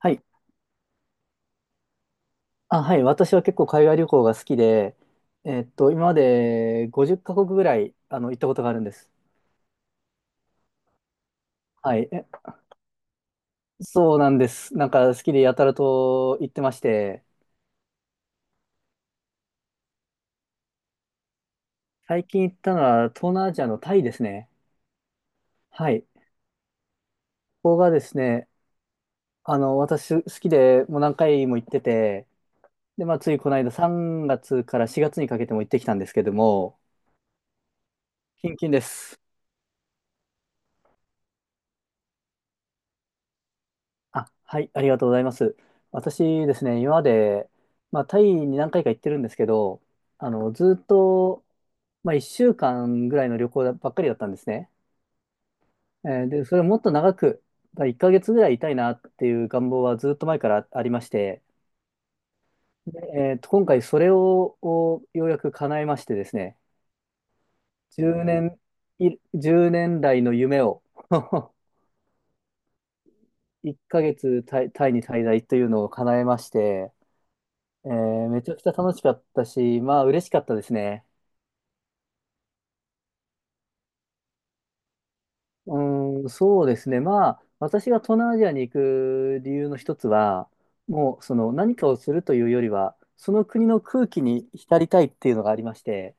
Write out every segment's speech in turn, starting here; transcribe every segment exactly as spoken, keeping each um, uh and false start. はい。あ、はい。私は結構海外旅行が好きで、えっと、今までごじゅっかこくカ国ぐらい、あの、行ったことがあるんです。はい。え、そうなんです。なんか好きでやたらと行ってまして、最近行ったのは東南アジアのタイですね。はい。ここがですね、あの、私好きでもう何回も行ってて、で、まあ、ついこの間さんがつからしがつにかけても行ってきたんですけども、キンキンです。あ、はい、ありがとうございます。私ですね、今まで、まあ、タイに何回か行ってるんですけど、あの、ずっと、まあ、いっしゅうかんぐらいの旅行ばっかりだったんですね。えーで、それもっと長く、まあ、いっかげつぐらいいたいなっていう願望はずっと前からありまして、でえーと、今回それを、をようやく叶えましてですね、じゅうねん、いいちねん来の夢を いっかげつタイ、タイに滞在というのを叶えまして、えーめちゃくちゃ楽しかったし、まあ嬉しかったですね。うーん、そうですね。まあ私が東南アジアに行く理由の一つは、もうその何かをするというよりは、その国の空気に浸りたいっていうのがありまして、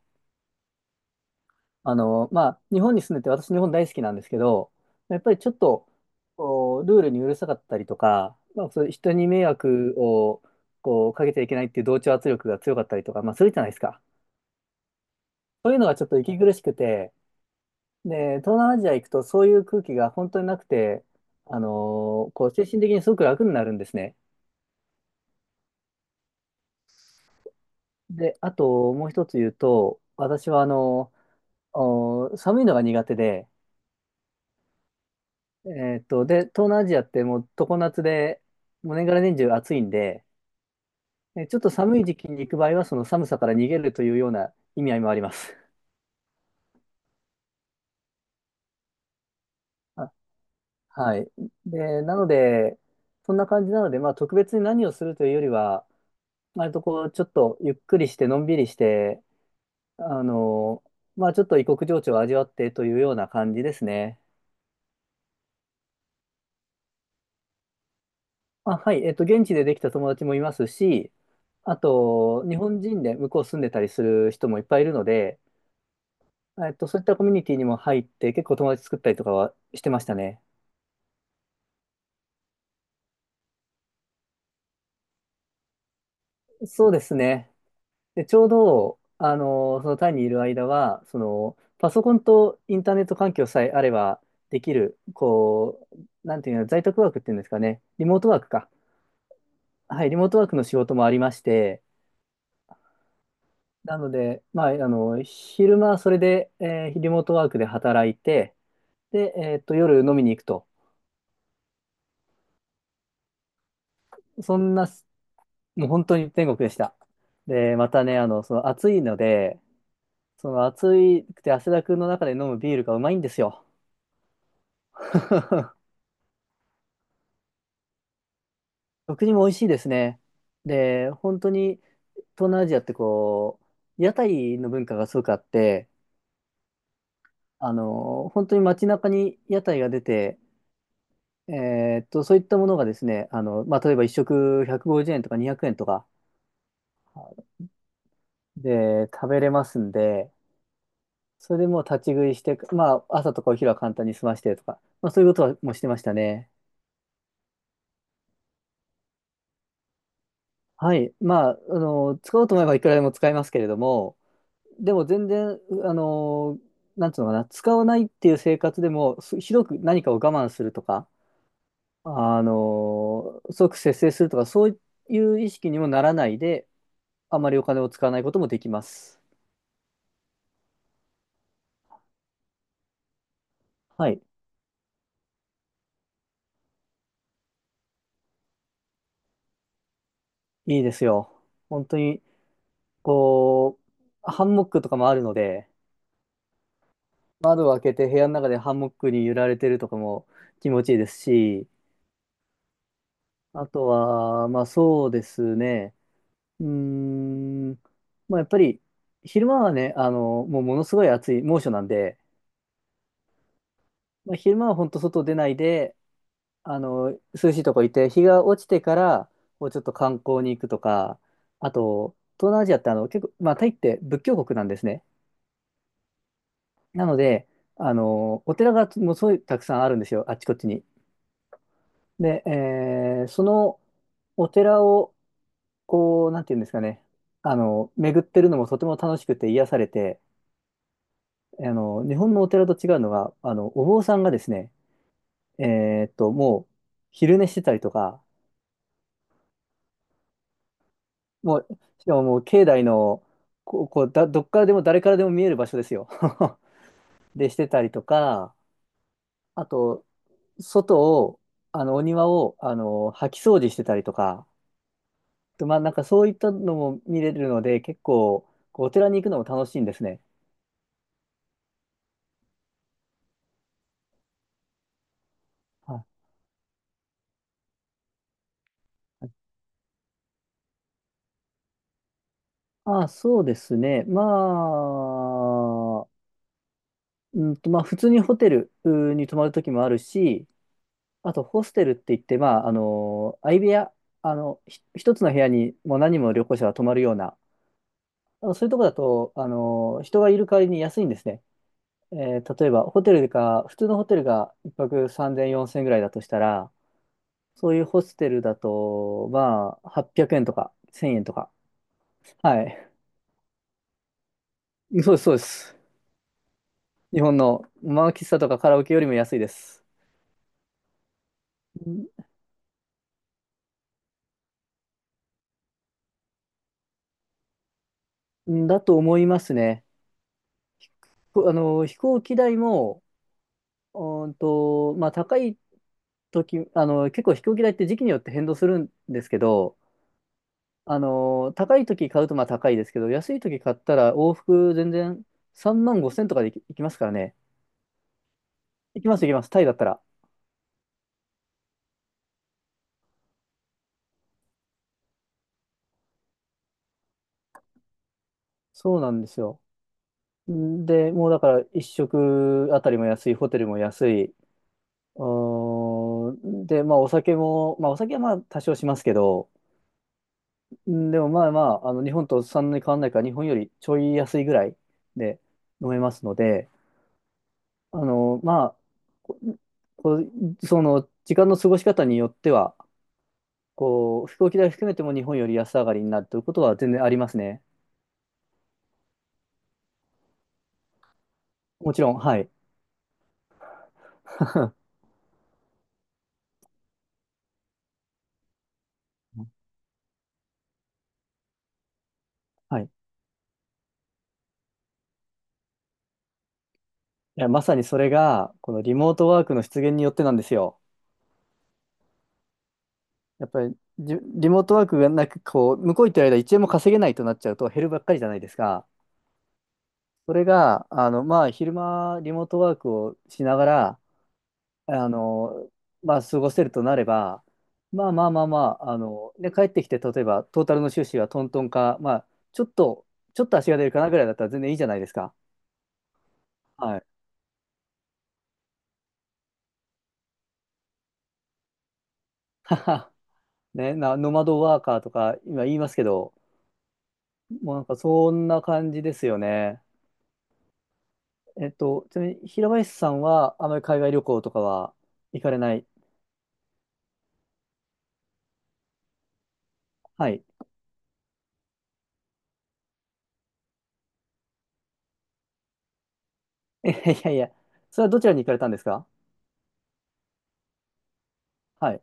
あの、まあ日本に住んでて私日本大好きなんですけど、やっぱりちょっとこうルールにうるさかったりとか、まあ、そういう人に迷惑をこうかけちゃいけないっていう同調圧力が強かったりとか、まあするじゃないですか。そういうのがちょっと息苦しくて、で、東南アジア行くとそういう空気が本当になくて、あのーこう精神的にすごく楽になるんですね。で、あともう一つ言うと、私はあのお寒いのが苦手で、えーっと、で、東南アジアってもう常夏で、もう年がら年中暑いんで、でちょっと寒い時期に行く場合は、その寒さから逃げるというような意味合いもあります。あ、はい。で、なので、そんな感じなので、まあ特別に何をするというよりは、割とこう、ちょっとゆっくりして、のんびりして、あの、まあちょっと異国情緒を味わってというような感じですね。あ、はい、えっと、現地でできた友達もいますし、あと、日本人で向こう住んでたりする人もいっぱいいるので、えっと、そういったコミュニティにも入って、結構友達作ったりとかはしてましたね。そうですね。で、ちょうど、あの、そのタイにいる間は、その、パソコンとインターネット環境さえあればできる、こう、なんていうの、在宅ワークっていうんですかね、リモートワークか。はい、リモートワークの仕事もありまして、なので、まあ、あの、昼間はそれで、えーリモートワークで働いて、で、えーっと、夜飲みに行くと。そんな、もう本当に天国でした。で、またね、あの、その暑いので、その暑いくて汗だくの中で飲むビールがうまいんですよ。食事も美味しいですね。で、本当に東南アジアってこう、屋台の文化がすごくあって、あの、本当に街中に屋台が出て、えーっと、そういったものがですね、あの、まあ、例えば一食ひゃくごじゅうえんとかにひゃくえんとかで食べれますんで、それでもう立ち食いして、まあ、朝とかお昼は簡単に済ましてとか、まあ、そういうことはもうしてましたね。はい。まあ、あの、使おうと思えばいくらでも使えますけれども、でも全然、あの、なんつうのかな、使わないっていう生活でも、すひどく何かを我慢するとか、あの、即節制するとか、そういう意識にもならないで、あまりお金を使わないこともできます。はい、いいですよ。本当に、こう、ハンモックとかもあるので、窓を開けて部屋の中でハンモックに揺られてるとかも気持ちいいですし、あとは、まあそうですね、うーん、まあやっぱり、昼間はね、あの、もうものすごい暑い猛暑なんで、まあ、昼間は本当外出ないで、あの、涼しいとこ行って、日が落ちてから、こうちょっと観光に行くとか、あと、東南アジアってあの、結構、まあタイって仏教国なんですね。なので、あの、お寺がもうすごいたくさんあるんですよ、あっちこっちに。で、えーそのお寺を、こう、なんていうんですかね、あの、巡ってるのもとても楽しくて癒されて、あの、日本のお寺と違うのが、あの、お坊さんがですね、えーっと、もう、昼寝してたりとか、もう、しかももう、境内の、こう、こうだ、どっからでも誰からでも見える場所ですよ。で、してたりとか、あと、外を、あの、お庭を、あの、掃き掃除してたりとか、と、まあ、なんかそういったのも見れるので、結構、こうお寺に行くのも楽しいんですね。はい。ああ、そうですね。まあ、うんと、まあ、普通にホテルに泊まるときもあるし、あと、ホステルって言って、まあ、あの、相部屋、あの、ひ一つの部屋にもう何人も旅行者が泊まるような、あのそういうとこだと、あの、人がいる代わりに安いんですね。えー例えば、ホテルか普通のホテルがいっぱくさんぜん、よんせんぐらいだとしたら、そういうホステルだと、まあ、はっぴゃくえんとかせんえんとか。はい。そうです、そうです。日本のマーキスタとかカラオケよりも安いです。んだと思いますね。こあの、飛行機代も、うーんと、まあ、高い時、あの、結構飛行機代って時期によって変動するんですけど、あの、高い時買うとまあ高いですけど、安い時買ったら往復全然さんまんごせんとかで行き行きますからね。行きます、行きます。タイだったら。そうなんですよ。で、もうだから一食あたりも安い、ホテルも安い。うーんで、まあお酒も、まあお酒はまあ多少しますけど、んでもまあまあ、あの日本とそんなに変わんないから、日本よりちょい安いぐらいで飲めますので、あの、まあ、ここうその時間の過ごし方によっては、こう、飛行機代含めても日本より安上がりになるということは全然ありますね。もちろん、はい。はい。いや、まさにそれが、このリモートワークの出現によってなんですよ。やっぱりリ、リモートワークがなく、こう、向こう行ってる間一円も稼げないとなっちゃうと減るばっかりじゃないですか。それが、あの、まあ、昼間、リモートワークをしながら、あの、まあ、過ごせるとなれば、まあまあまあまあ、あの、で、帰ってきて、例えば、トータルの収支はトントンか、まあ、ちょっと、ちょっと足が出るかなぐらいだったら全然いいじゃないですか。はい。ははね、な、ノマドワーカーとか今言いますけど、もうなんかそんな感じですよね。えっと、ちなみに平林さんはあまり海外旅行とかは行かれない？はい。え、いやいや、それはどちらに行かれたんですか？はい。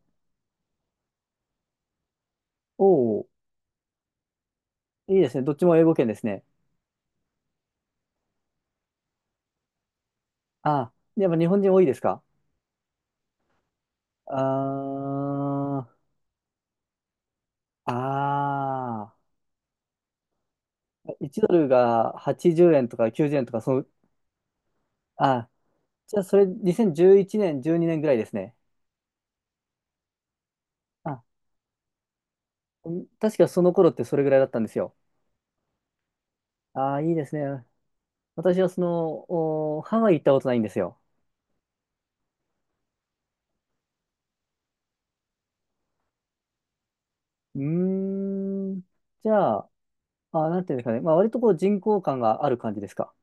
おお、いいですね。どっちも英語圏ですね。ああ、やっぱ日本人多いですか？あー、あー、いちドルがはちじゅうえんとかきゅうじゅうえんとか、その、あ、じゃあそれにせんじゅういちねん、じゅうにねんぐらいですね。あ、うん確かその頃ってそれぐらいだったんですよ。ああ、いいですね。私はその、おハワイ行ったことないんですよ。うーん。じゃあ、あ、なんていうんですかね。まあ、割とこう人工感がある感じですか？